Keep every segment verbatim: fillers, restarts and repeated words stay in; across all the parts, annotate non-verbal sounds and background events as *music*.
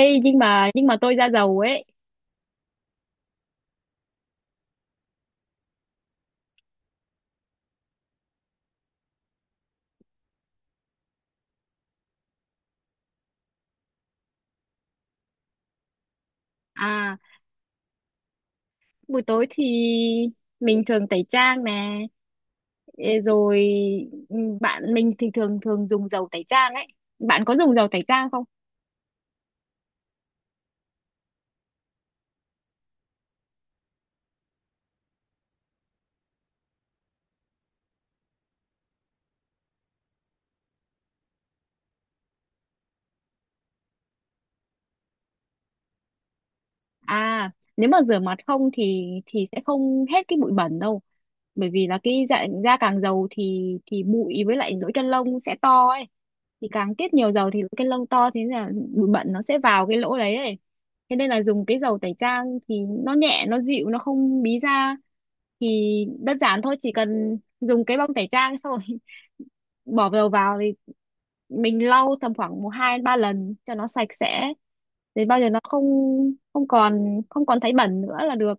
Ê, nhưng mà nhưng mà tôi da dầu ấy. À, buổi tối thì mình thường tẩy trang nè. Ê, rồi ừ, bạn mình thì thường thường dùng dầu tẩy trang ấy. Bạn có dùng dầu tẩy trang không? À, nếu mà rửa mặt không thì thì sẽ không hết cái bụi bẩn đâu. Bởi vì là cái da, da càng dầu thì thì bụi với lại lỗ chân lông sẽ to ấy. Thì càng tiết nhiều dầu thì lỗ chân lông to, thế nên là bụi bẩn nó sẽ vào cái lỗ đấy ấy. Thế nên là dùng cái dầu tẩy trang thì nó nhẹ, nó dịu, nó không bí da. Thì đơn giản thôi, chỉ cần dùng cái bông tẩy trang xong rồi *laughs* bỏ dầu vào thì mình lau tầm khoảng một hai ba lần cho nó sạch sẽ, đến bao giờ nó không không còn không còn thấy bẩn nữa là được.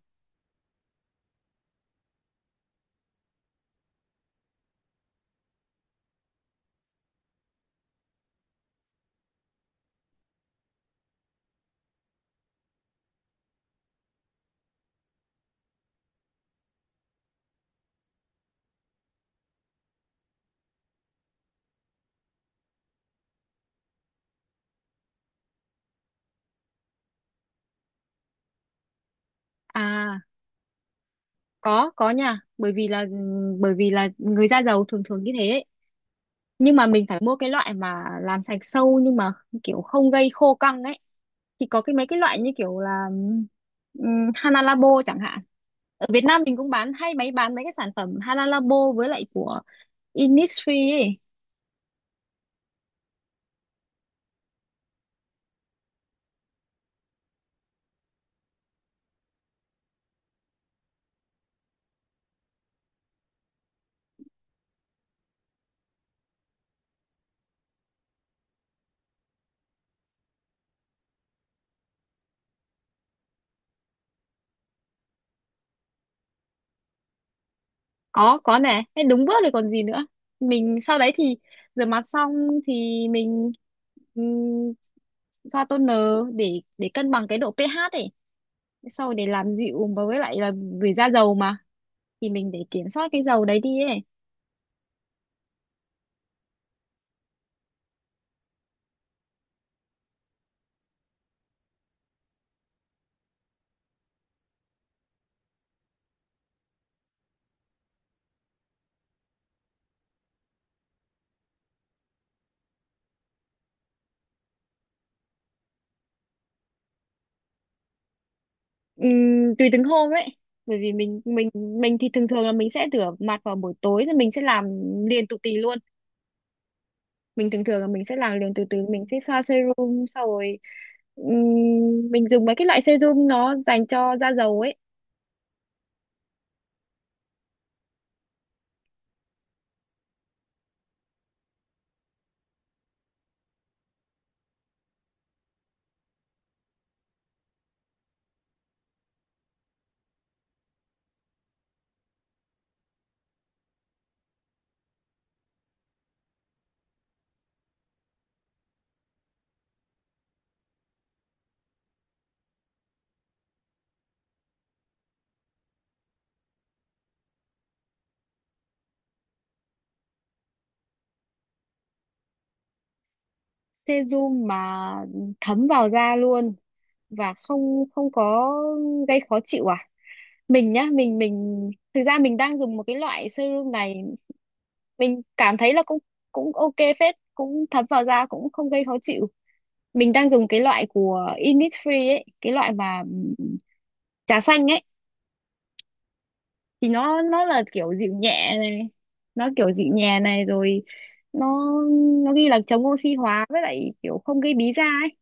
À, có có nha, bởi vì là bởi vì là người da dầu thường thường như thế ấy. Nhưng mà mình phải mua cái loại mà làm sạch sâu nhưng mà kiểu không gây khô căng ấy. Thì có cái mấy cái loại như kiểu là um, Hana Labo chẳng hạn, ở Việt Nam mình cũng bán, hay mấy bán mấy cái sản phẩm Hana Labo với lại của Innisfree ấy. có có nè, thế đúng bước rồi còn gì nữa. Mình sau đấy thì rửa mặt xong thì mình ừm, xoa toner để để cân bằng cái độ pH ấy, sau rồi để làm dịu và với lại là vì da dầu mà, thì mình để kiểm soát cái dầu đấy đi ấy. Ừm, tùy từng hôm ấy, bởi vì mình mình mình thì thường thường là mình sẽ rửa mặt vào buổi tối thì mình sẽ làm liền tụt tì luôn. Mình thường thường là mình sẽ làm liền, từ từ mình sẽ xoa serum sau rồi, ừm, mình dùng mấy cái loại serum nó dành cho da dầu ấy. Serum mà thấm vào da luôn và không không có gây khó chịu à. Mình nhá, mình mình thực ra mình đang dùng một cái loại serum này, mình cảm thấy là cũng cũng ok phết, cũng thấm vào da, cũng không gây khó chịu. Mình đang dùng cái loại của Innisfree ấy, cái loại mà, ừm, trà xanh ấy. Thì nó nó là kiểu dịu nhẹ này, nó kiểu dịu nhẹ này, rồi nó nó ghi là chống oxy hóa với lại kiểu không gây bí da ấy.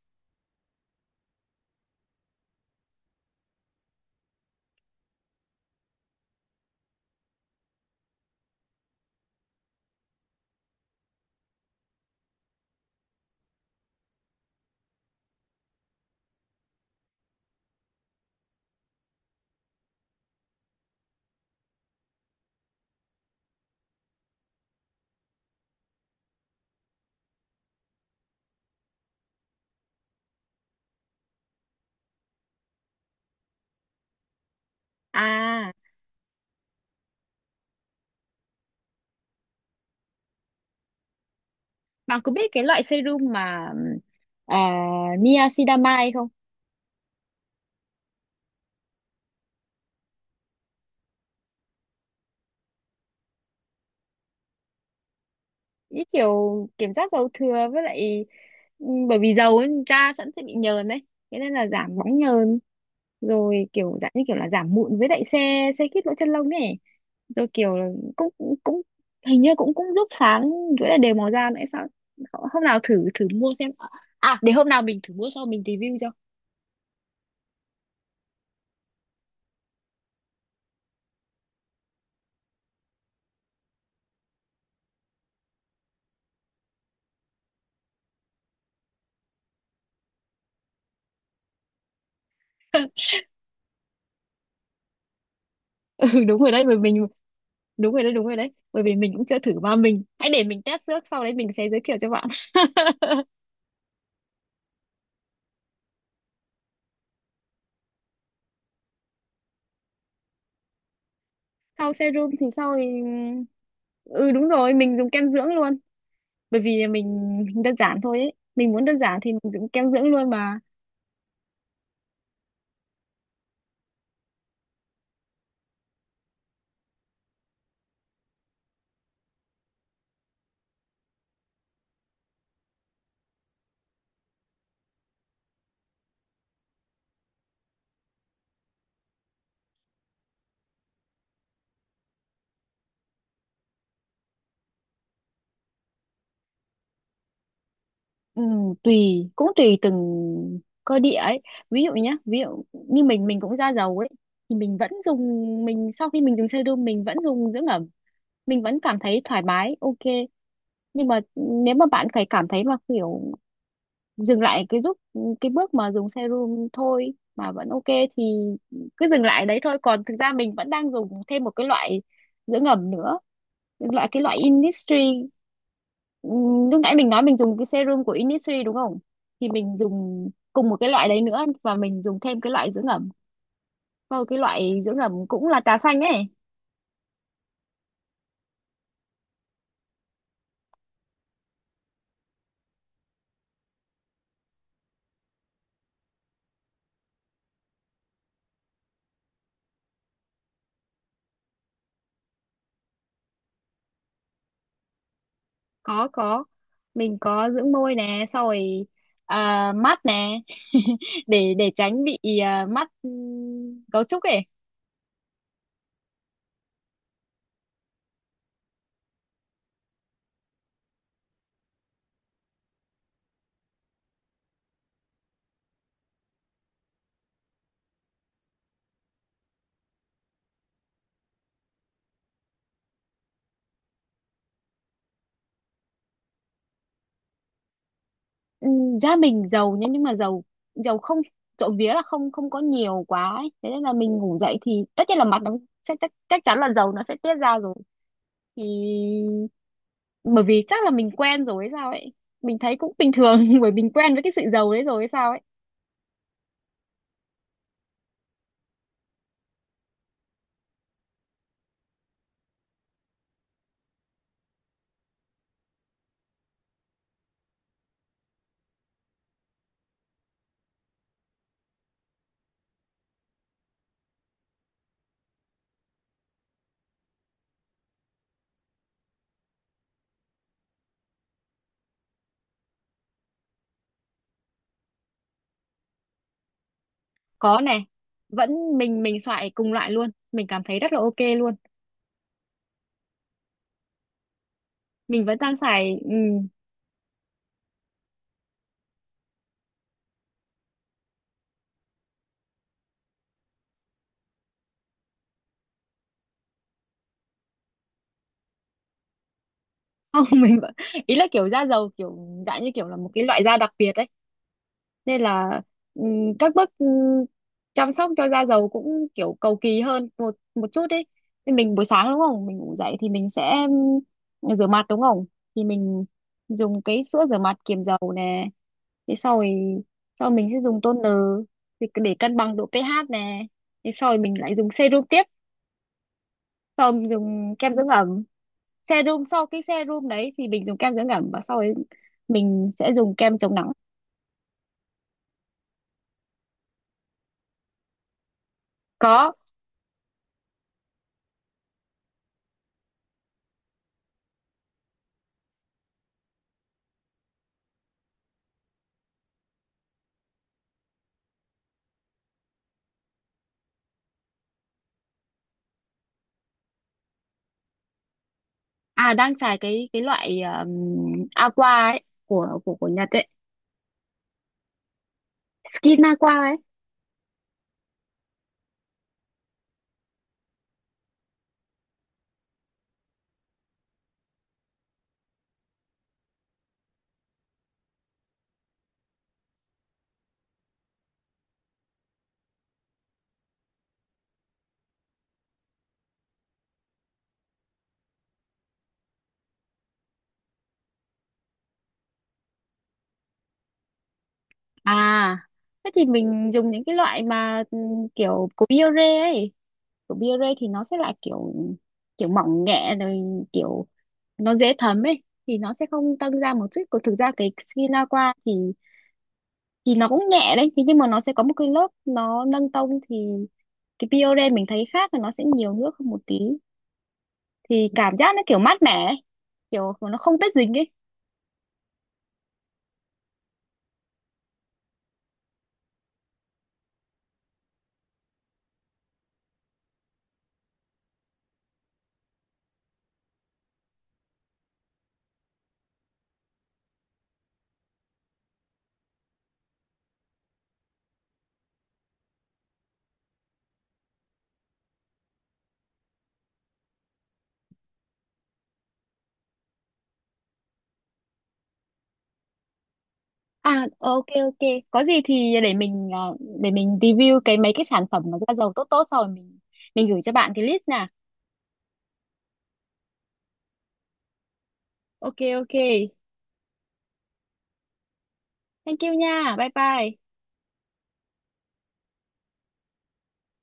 À, bạn có biết cái loại serum mà, ừm, à, niacinamide không? Như kiểu kiểm soát dầu thừa với lại, ừ, bởi vì dầu ấy, da sẵn sẽ bị nhờn đấy, thế nên là giảm bóng nhờn, rồi kiểu dạng như kiểu là giảm mụn với lại xe xe khít lỗ chân lông ấy. Rồi kiểu là cũng cũng hình như cũng cũng giúp sáng với lại đều màu da nữa sao. Hôm nào thử thử mua xem. À, để hôm nào mình thử mua xong mình review cho. *laughs* Ừ đúng rồi đấy, bởi mình đúng rồi đấy đúng rồi đấy bởi vì mình cũng chưa thử mà, mình hãy để mình test trước, sau đấy mình sẽ giới thiệu cho bạn. Sau serum thì sau thì ừ đúng rồi, mình dùng kem dưỡng luôn. Bởi vì mình đơn giản thôi ấy, mình muốn đơn giản thì mình dùng kem dưỡng luôn mà. Ừ, tùy, cũng tùy từng cơ địa ấy. Ví dụ nhé, ví dụ như mình mình cũng da dầu ấy, thì mình vẫn dùng. Mình sau khi mình dùng serum mình vẫn dùng dưỡng ẩm, mình vẫn cảm thấy thoải mái, ok. Nhưng mà nếu mà bạn phải cảm thấy mà kiểu dừng lại cái giúp cái bước mà dùng serum thôi mà vẫn ok thì cứ dừng lại đấy thôi. Còn thực ra mình vẫn đang dùng thêm một cái loại dưỡng ẩm nữa, loại cái loại Innisfree. Ừm, lúc nãy mình nói mình dùng cái serum của Innisfree đúng không, thì mình dùng cùng một cái loại đấy nữa, và mình dùng thêm cái loại dưỡng ẩm. Sau cái loại dưỡng ẩm cũng là trà xanh ấy. có có mình có dưỡng môi nè, sau rồi à, mắt nè. *laughs* để để tránh bị à, mắt, ừm, cấu trúc ấy. Ừ, gia mình giàu nhá, nhưng mà giàu giàu không trộm vía là không không có nhiều quá ấy. Thế nên là mình ngủ dậy thì tất nhiên là mặt nó sẽ chắc, chắc chắn là dầu nó sẽ tiết ra rồi. Thì bởi vì chắc là mình quen rồi hay sao ấy, mình thấy cũng bình thường. *laughs* Bởi mình quen với cái sự giàu đấy rồi hay sao ấy. Có này, vẫn mình mình xoài cùng loại luôn, mình cảm thấy rất là ok luôn. Mình vẫn đang xài ừ, không. *laughs* Mình vẫn, ý là kiểu da dầu kiểu dạng như kiểu là một cái loại da đặc biệt ấy, nên là, ừm, các bước, ừm, chăm sóc cho da dầu cũng kiểu cầu kỳ hơn một một chút ấy. Nên mình buổi sáng đúng không, mình ngủ dậy thì mình sẽ, ừm, rửa mặt đúng không, thì mình dùng cái sữa rửa mặt kiềm dầu nè. Thế sau rồi sau mình sẽ dùng toner, thì cứ để cân bằng độ pH nè. Thế sau rồi mình lại dùng serum tiếp, sau mình dùng kem dưỡng ẩm. Serum sau cái serum đấy thì mình dùng kem dưỡng ẩm, và sau ấy mình sẽ dùng kem chống nắng. Có. À đang xài cái cái loại um, aqua ấy, của của của Nhật ấy, skin aqua ấy. À thế thì mình dùng những cái loại mà, ừm, kiểu của Biore ấy. Của Biore thì nó sẽ là kiểu kiểu mỏng nhẹ, rồi kiểu nó dễ thấm ấy, thì nó sẽ không tăng ra một chút. Còn thực ra cái skin aqua thì thì nó cũng nhẹ đấy, thế nhưng mà nó sẽ có một cái lớp nó nâng tông. Thì cái Biore mình thấy khác là nó sẽ nhiều nước hơn một tí, thì cảm giác nó kiểu mát mẻ ấy, kiểu nó không bết dính ấy. À, ok ok. Có gì thì để mình ờ, để mình review cái mấy cái sản phẩm mà da dầu tốt tốt, xong rồi mình mình gửi cho bạn cái list nha. Ok ok. Thank you nha. Bye bye.